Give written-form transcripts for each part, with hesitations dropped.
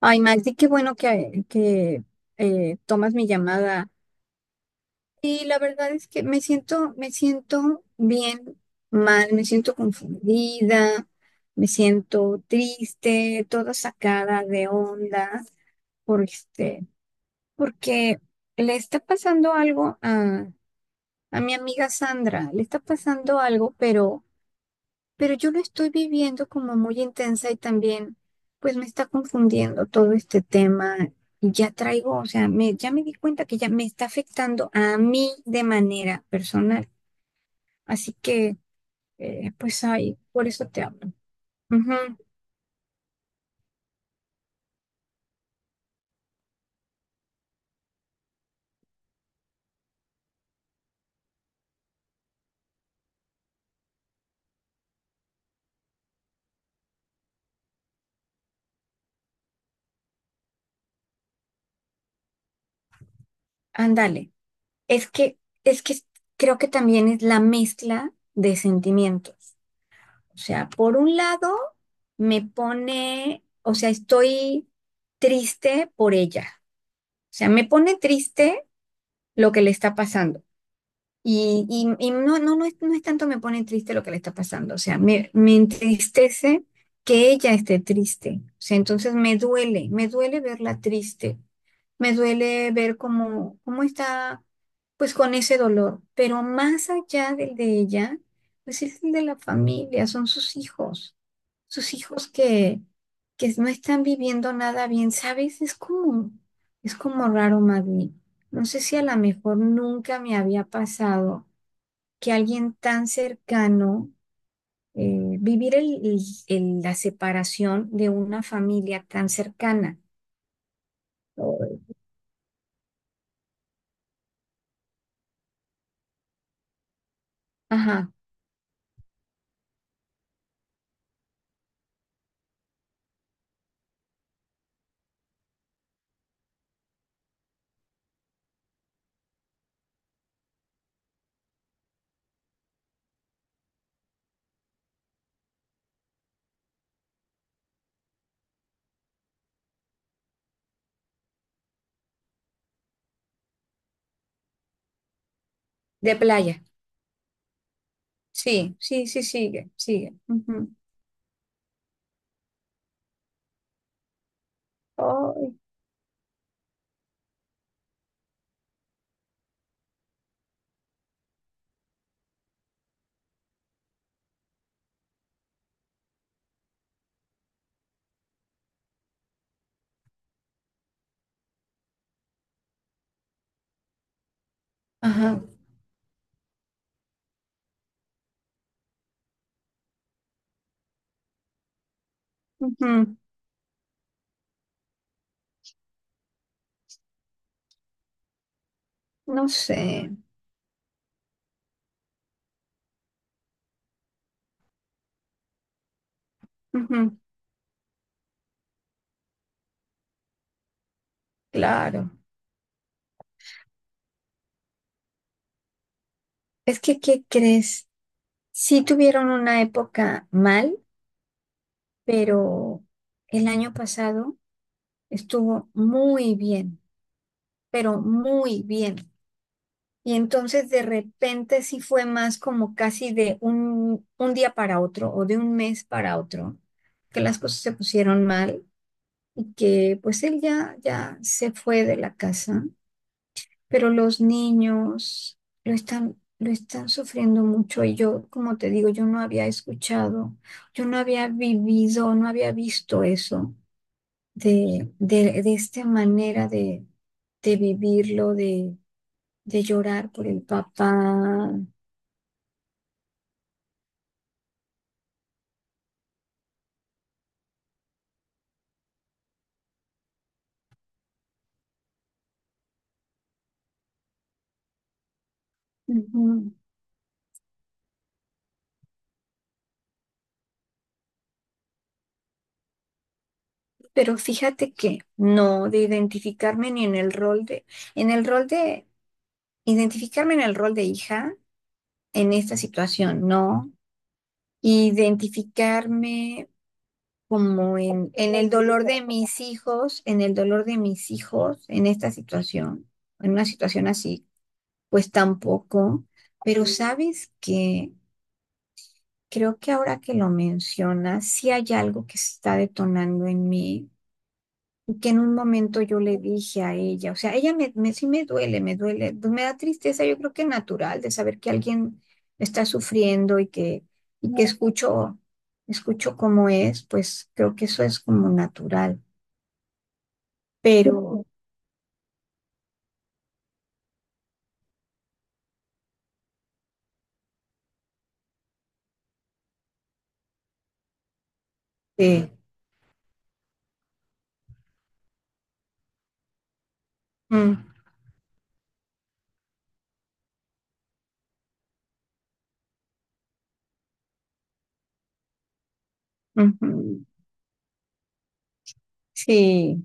Ay, Maxi, qué bueno que tomas mi llamada. Y la verdad es que me siento bien mal, me siento confundida, me siento triste, toda sacada de onda, por este, porque le está pasando algo a mi amiga Sandra. Le está pasando algo, pero yo lo estoy viviendo como muy intensa y también pues me está confundiendo todo este tema. Y ya traigo, o sea, ya me di cuenta que ya me está afectando a mí de manera personal. Así que, pues ahí, por eso te hablo. Ujú. Ándale. Es que, es que creo que también es la mezcla de sentimientos. O sea, por un lado, me pone, o sea, estoy triste por ella. O sea, me pone triste lo que le está pasando. Y no es tanto me pone triste lo que le está pasando. O sea, me entristece que ella esté triste. O sea, entonces me duele verla triste. Me duele ver cómo está, pues con ese dolor. Pero más allá del de ella, pues es el de la familia, son sus hijos que no están viviendo nada bien, ¿sabes? Es como raro, Magdi. No sé, si a lo mejor nunca me había pasado que alguien tan cercano, vivir la separación de una familia tan cercana. Ay. Ajá, de playa. Sí, sí, sí, sigue, sigue. Ujú. Ay. Ajá, ujú. No sé. Ujú. Claro. Es que, ¿qué crees? Sí tuvieron una época mal, pero el año pasado estuvo muy bien, pero muy bien. Y entonces de repente sí fue más como casi de un día para otro, o de un mes para otro, que las cosas se pusieron mal y que pues él ya se fue de la casa. Pero los niños lo están sufriendo mucho, y yo, como te digo, yo no había escuchado, yo no había vivido, no había visto eso, de esta manera, de vivirlo, de llorar por el papá. Pero fíjate que no, de identificarme ni en el rol de, en el rol de, identificarme en el rol de hija en esta situación, no. Identificarme como en el dolor de mis hijos, en esta situación, en una situación así, pues tampoco. Pero sabes que creo que ahora que lo mencionas, sí hay algo que se está detonando en mí, y que en un momento yo le dije a ella, o sea, ella sí me duele, me da tristeza. Yo creo que natural, de saber que alguien está sufriendo, que escucho cómo es. Pues creo que eso es como natural. Pero sí, mm, ujú, sí,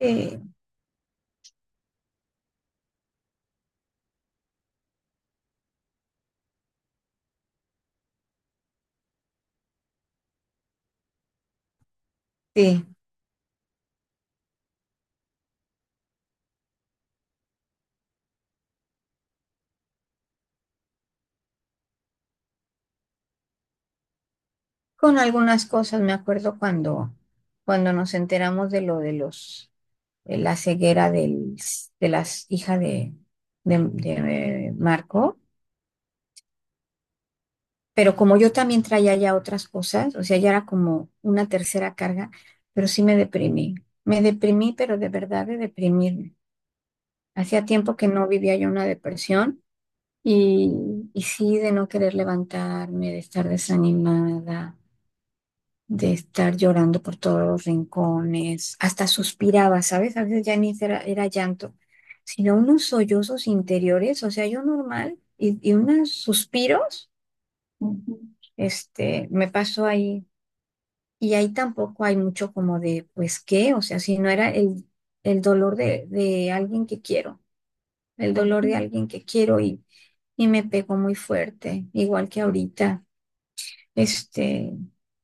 sí, sí. Con algunas cosas me acuerdo cuando, nos enteramos de de la ceguera de las hijas de Marco. Pero como yo también traía ya otras cosas, o sea, ya era como una tercera carga, pero sí me deprimí. Me deprimí, pero de verdad, de deprimirme. Hacía tiempo que no vivía yo una depresión. Y, y sí, de no querer levantarme, de estar desanimada, de estar llorando por todos los rincones, hasta suspiraba, ¿sabes? A veces ya ni era llanto, sino unos sollozos interiores. O sea, yo normal, y unos suspiros. Me pasó ahí. Y ahí tampoco hay mucho como de, pues, ¿qué? O sea, si no era el dolor de alguien que quiero, el dolor de alguien que quiero, y me pegó muy fuerte, igual que ahorita. Este,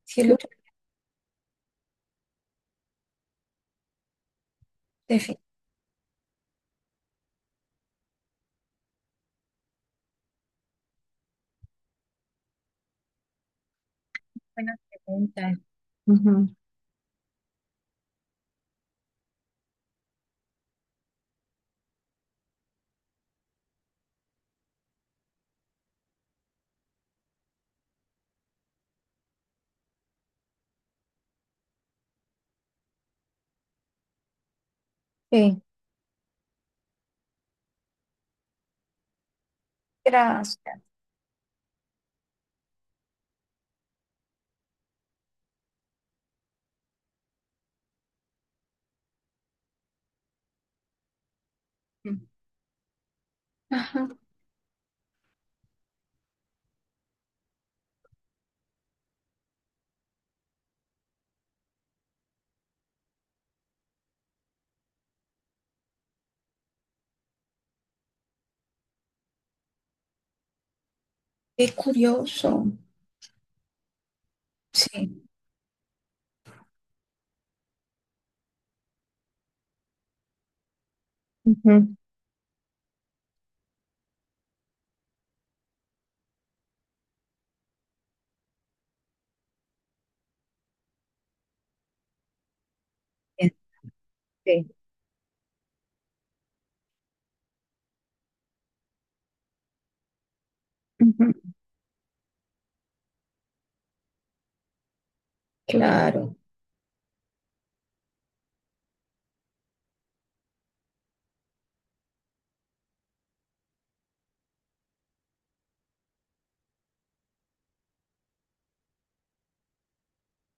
sí. Qué lucha. Buena pregunta. Ujú. Sí, gracias. Ajá, qué curioso. Sí. Ujú. Este, ujú. Claro,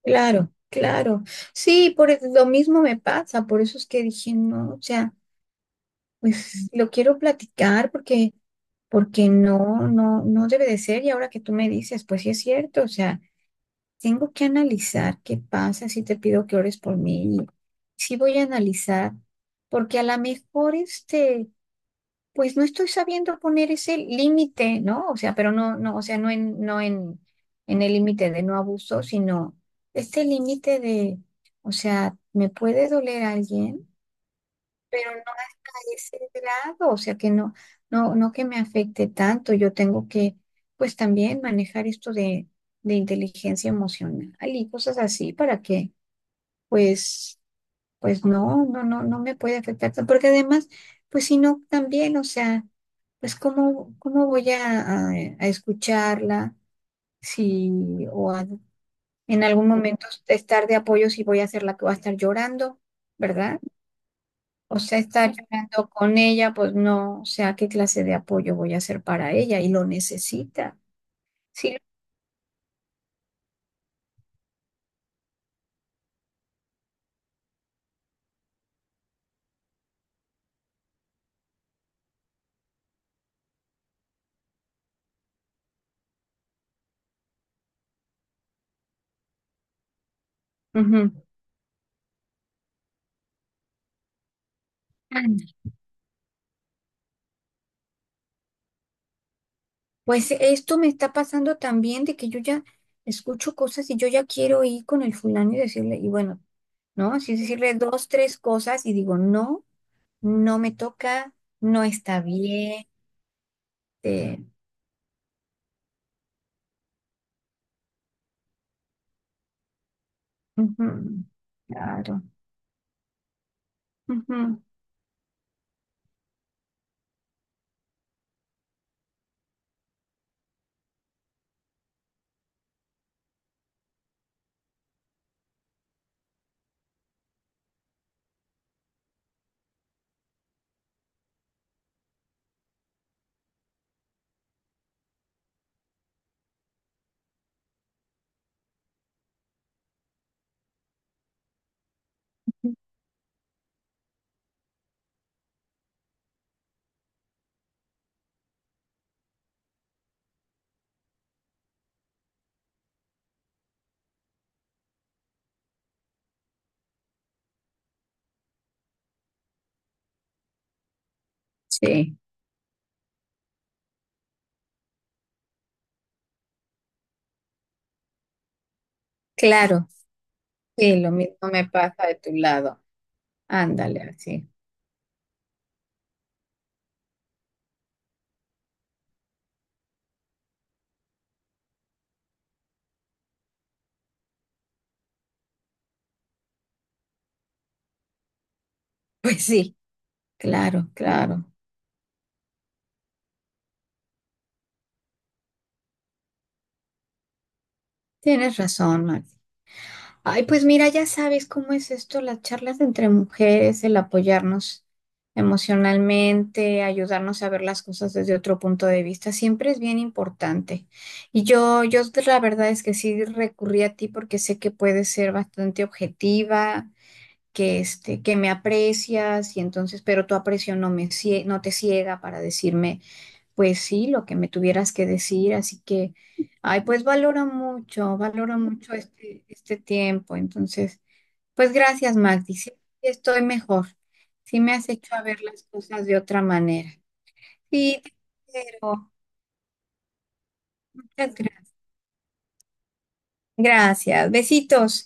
claro, claro. Sí, lo mismo me pasa, por eso es que dije, no, o sea, pues lo quiero platicar porque no debe de ser. Y ahora que tú me dices, pues sí es cierto, o sea. Tengo que analizar qué pasa si te pido que ores por mí. Sí voy a analizar, porque a lo mejor pues no estoy sabiendo poner ese límite, ¿no? O sea, pero no, o sea, no en, no en, en el límite de no abuso, sino este límite de, o sea, ¿me puede doler alguien? Pero no hasta ese grado. O sea que no que me afecte tanto. Yo tengo que, pues, también manejar esto de inteligencia emocional y cosas así para que, pues, pues no me puede afectar tanto, porque además, pues si no, también, o sea, pues cómo voy a escucharla si, o en algún momento estar de apoyo, si voy a ser la que va a estar llorando, ¿verdad? O sea, estar llorando con ella, pues no, o sea, ¿qué clase de apoyo voy a hacer para ella? Y lo necesita. Sí. Ujú. Pues esto me está pasando también, de que yo ya escucho cosas y yo ya quiero ir con el fulano y decirle, y bueno, ¿no? Así decirle dos, tres cosas, y digo, no, no me toca, no está bien. eh, Ujú. Claro. Ujú. Sí, claro. Sí, lo mismo me pasa de tu lado. Ándale, así. Pues sí, claro, claro. Tienes razón, Max. Ay, pues mira, ya sabes cómo es esto, las charlas entre mujeres, el apoyarnos emocionalmente, ayudarnos a ver las cosas desde otro punto de vista, siempre es bien importante. Y yo, la verdad es que sí recurrí a ti porque sé que puedes ser bastante objetiva, que me aprecias, y entonces, pero tu aprecio no me, no te ciega para decirme, pues sí, lo que me tuvieras que decir. Así que, ay, pues valoro mucho este tiempo. Entonces, pues gracias, Magdi. Sí, estoy mejor. Sí, me has hecho a ver las cosas de otra manera. Sí, te quiero. Muchas gracias. Besitos.